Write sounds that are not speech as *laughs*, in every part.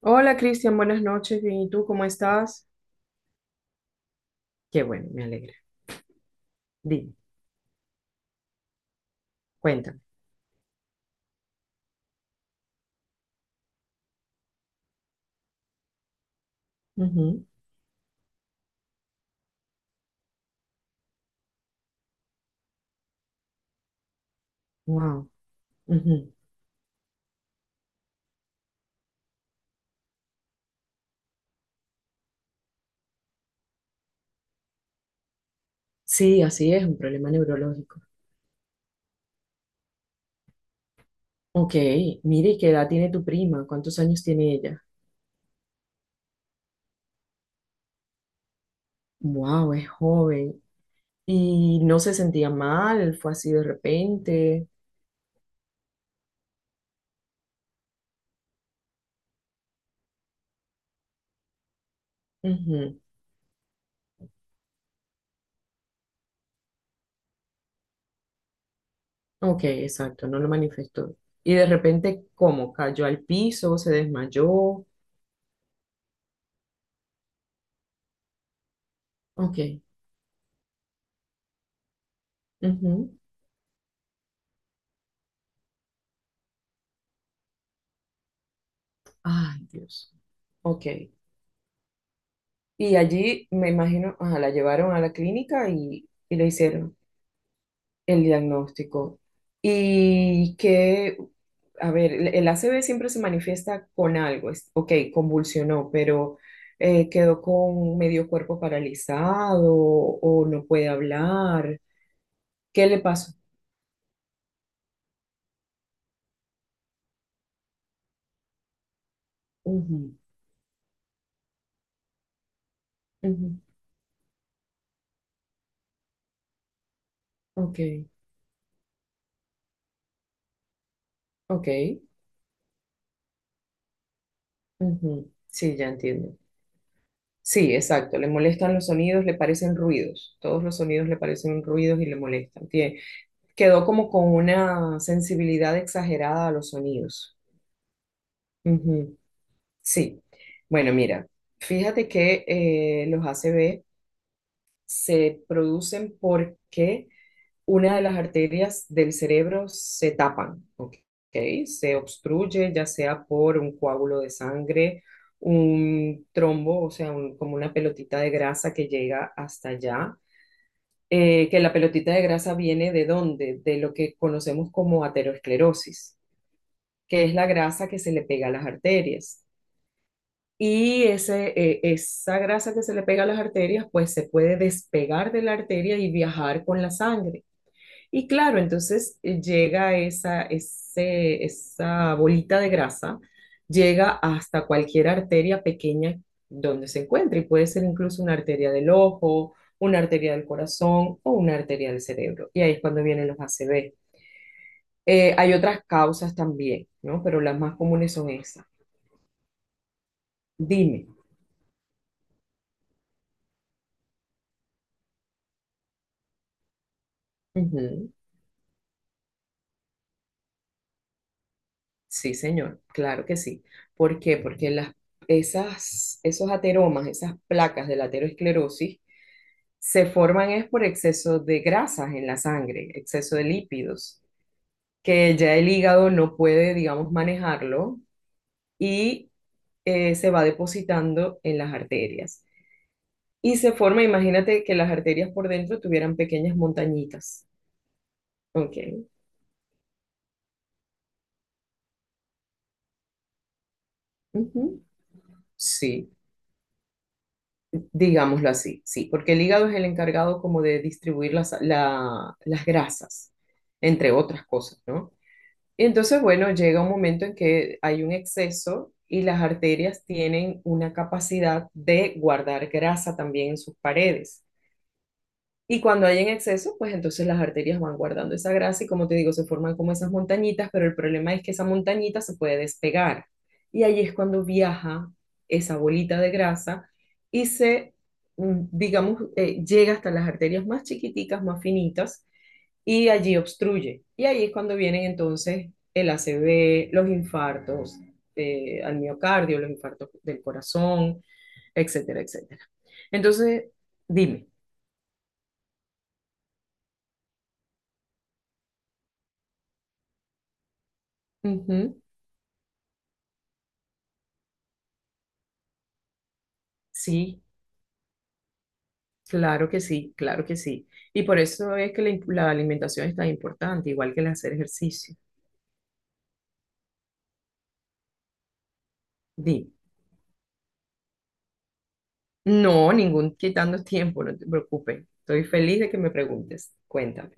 Hola Cristian, buenas noches, bien, ¿y tú cómo estás? Qué bueno, me alegra. Dime, cuéntame. Wow. Sí, así es, un problema neurológico. Ok, mire, ¿qué edad tiene tu prima? ¿Cuántos años tiene ella? Wow, es joven. Y no se sentía mal, fue así de repente. Ujú. Ok, exacto, no lo manifestó. Y de repente, ¿cómo? ¿Cayó al piso, se desmayó? Ok. Ujú. Ay, Dios. Ok. Y allí, me imagino, ajá, la llevaron a la clínica y, le hicieron el diagnóstico. Y que, a ver, el A C V siempre se manifiesta con algo. Es, ok, convulsionó, pero quedó con medio cuerpo paralizado o no puede hablar. ¿Qué le pasó? Ujú, ujú. Ok, ok. Ujú, sí, ya entiendo. Sí, exacto. Le molestan los sonidos, le parecen ruidos. Todos los sonidos le parecen ruidos y le molestan. Tie- quedó como con una sensibilidad exagerada a los sonidos. Ujú, sí. Bueno, mira, fíjate que los ACV se producen porque una de las arterias del cerebro se tapan, ¿ok? Se obstruye, ya sea por un coágulo de sangre, un trombo, o sea, un- como una pelotita de grasa que llega hasta allá. ¿Que la pelotita de grasa viene de dónde? De lo que conocemos como aterosclerosis, que es la grasa que se le pega a las arterias. Y ese, esa grasa que se le pega a las arterias, pues se puede despegar de la arteria y viajar con la sangre. Y claro, entonces llega esa, ese, esa bolita de grasa, llega hasta cualquier arteria pequeña donde se encuentre, y puede ser incluso una arteria del ojo, una arteria del corazón o una arteria del cerebro. Y ahí es cuando vienen los ACV. Hay otras causas también, ¿no? Pero las más comunes son esas. Dime. Ujú. Sí, señor, claro que sí. ¿Por qué? Porque esas, esos ateromas, esas placas de la aterosclerosis, se forman es por exceso de grasas en la sangre, exceso de lípidos, que ya el hígado no puede, digamos, manejarlo y se va depositando en las arterias. Y se forma, imagínate que las arterias por dentro tuvieran pequeñas montañitas. Ok. Ujú. Sí. Digámoslo así, sí, porque el hígado es el encargado como de distribuir la- las grasas, entre otras cosas, ¿no? Y entonces, bueno, llega un momento en que hay un exceso y las arterias tienen una capacidad de guardar grasa también en sus paredes. Y cuando hay en exceso, pues entonces las arterias van guardando esa grasa y como te digo, se forman como esas montañitas, pero el problema es que esa montañita se puede despegar. Y ahí es cuando viaja esa bolita de grasa y digamos, llega hasta las arterias más chiquiticas, más finitas, y allí obstruye. Y ahí es cuando vienen entonces el ACV, los infartos al miocardio, los infartos del corazón, etcétera, etcétera. Entonces, dime. Ujú, sí. Claro que sí, claro que sí. Y por eso es que la, imp- la alimentación es tan importante, igual que el hacer ejercicio. Di, no, ningún quitando tiempo, no te preocupes. Estoy feliz de que me preguntes. Cuéntame.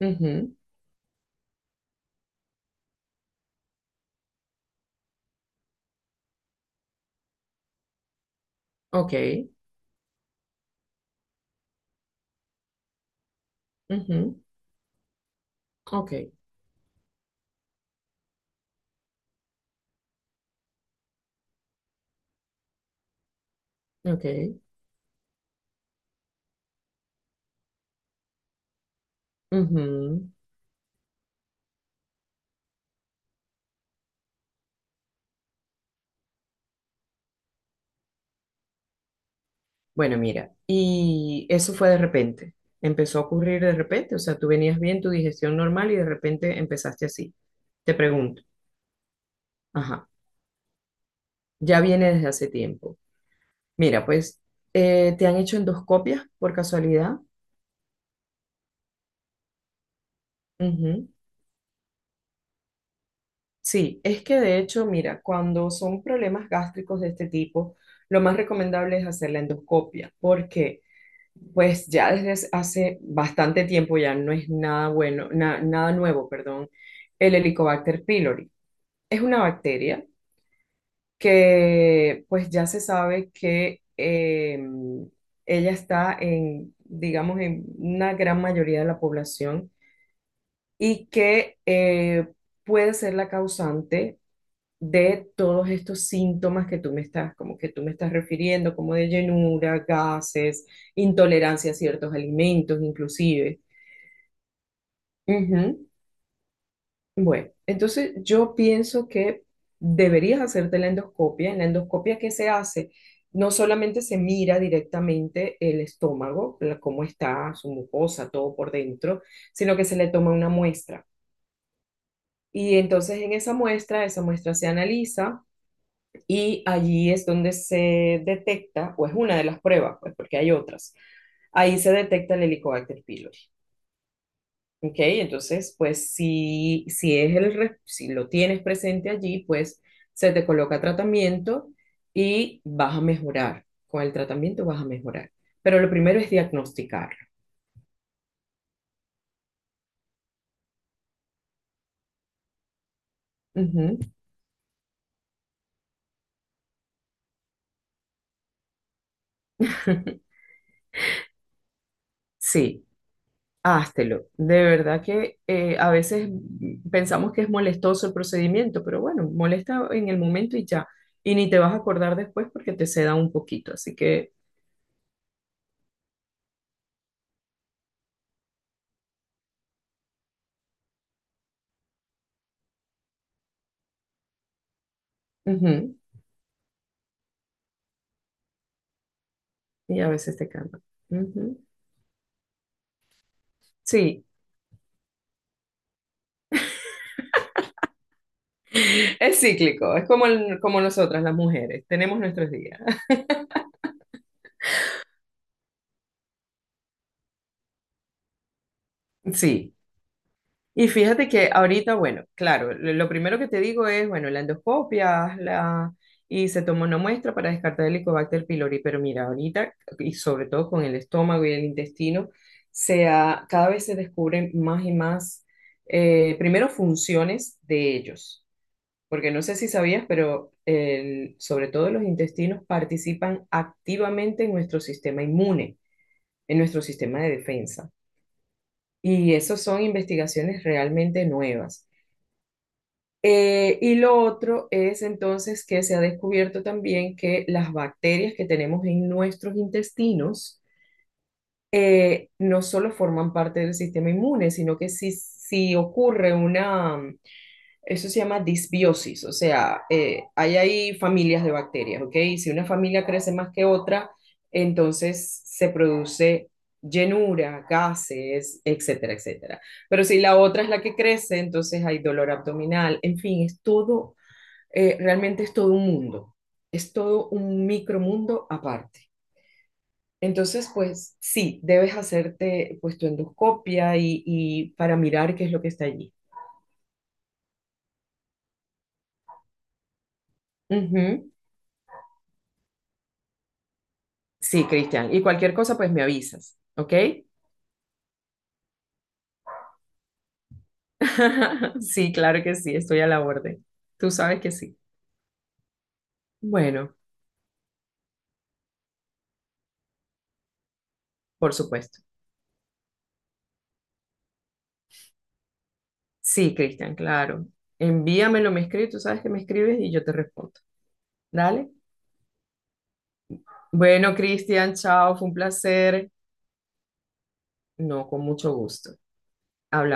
Ujú, ok, ujú, ok, ok. Ujú. Bueno, mira, ¿y eso fue de repente? Empezó a ocurrir de repente, o sea, tú venías bien, tu digestión normal y de repente empezaste así. Te pregunto, ajá, ya viene desde hace tiempo. Mira, pues ¿te han hecho endoscopias por casualidad? Ujú. Sí, es que de hecho, mira, cuando son problemas gástricos de este tipo, lo más recomendable es hacer la endoscopia, porque pues ya desde hace bastante tiempo ya no es nada bueno, na- nada nuevo, perdón, el Helicobacter pylori. Es una bacteria que pues ya se sabe que ella está en, digamos, en una gran mayoría de la población y que puede ser la causante de todos estos síntomas que tú me estás, como que tú me estás refiriendo, como de llenura, gases, intolerancia a ciertos alimentos, inclusive. Ujú. Bueno, entonces yo pienso que deberías hacerte la endoscopia. En la endoscopia que se hace, no solamente se mira directamente el estómago, la- cómo está su mucosa, todo por dentro, sino que se le toma una muestra. Y entonces en esa muestra se analiza y allí es donde se detecta, o es una de las pruebas, pues porque hay otras, ahí se detecta el Helicobacter pylori. ¿Ok? Entonces, pues si, si, es el, re- si lo tienes presente allí, pues se te coloca tratamiento y vas a mejorar. Con el tratamiento vas a mejorar. Pero lo primero es diagnosticarlo. Ujú. *laughs* Sí. Háztelo. De verdad que a veces pensamos que es molestoso el procedimiento, pero bueno, molesta en el momento y ya. Y ni te vas a acordar después porque te seda un poquito. Así que, ujú, y a veces te calma. Ujú. Sí, es cíclico, es como, el- como nosotras las mujeres, tenemos nuestros días. *laughs* Sí. Y fíjate que ahorita, bueno, claro, lo primero que te digo es, bueno, la endoscopia, haz la... y se tomó una muestra para descartar el Helicobacter pylori, pero mira, ahorita, y sobre todo con el estómago y el intestino, se ha- cada vez se descubren más y más, primero, funciones de ellos, porque no sé si sabías, pero el- sobre todo los intestinos participan activamente en nuestro sistema inmune, en nuestro sistema de defensa. Y esas son investigaciones realmente nuevas. Y lo otro es entonces que se ha descubierto también que las bacterias que tenemos en nuestros intestinos no solo forman parte del sistema inmune, sino que si, si ocurre una, eso se llama disbiosis, o sea, hay ahí familias de bacterias, ¿ok? Y si una familia crece más que otra, entonces se produce llenura, gases, etcétera, etcétera. Pero si la otra es la que crece, entonces hay dolor abdominal, en fin, es todo realmente es todo un mundo, es todo un micromundo aparte. Entonces, pues sí, debes hacerte pues tu endoscopia y para mirar qué es lo que está allí. Ujú. Sí, Cristian. Y cualquier cosa, pues me avisas, ¿ok? *laughs* Sí, claro que sí, estoy a la orden. Tú sabes que sí. Bueno, por supuesto. Sí, Cristian, claro. Envíamelo, me escribes, tú sabes que me escribes y yo te respondo. Dale. Bueno, Cristian, chao, fue un placer. No, con mucho gusto. Hablamos.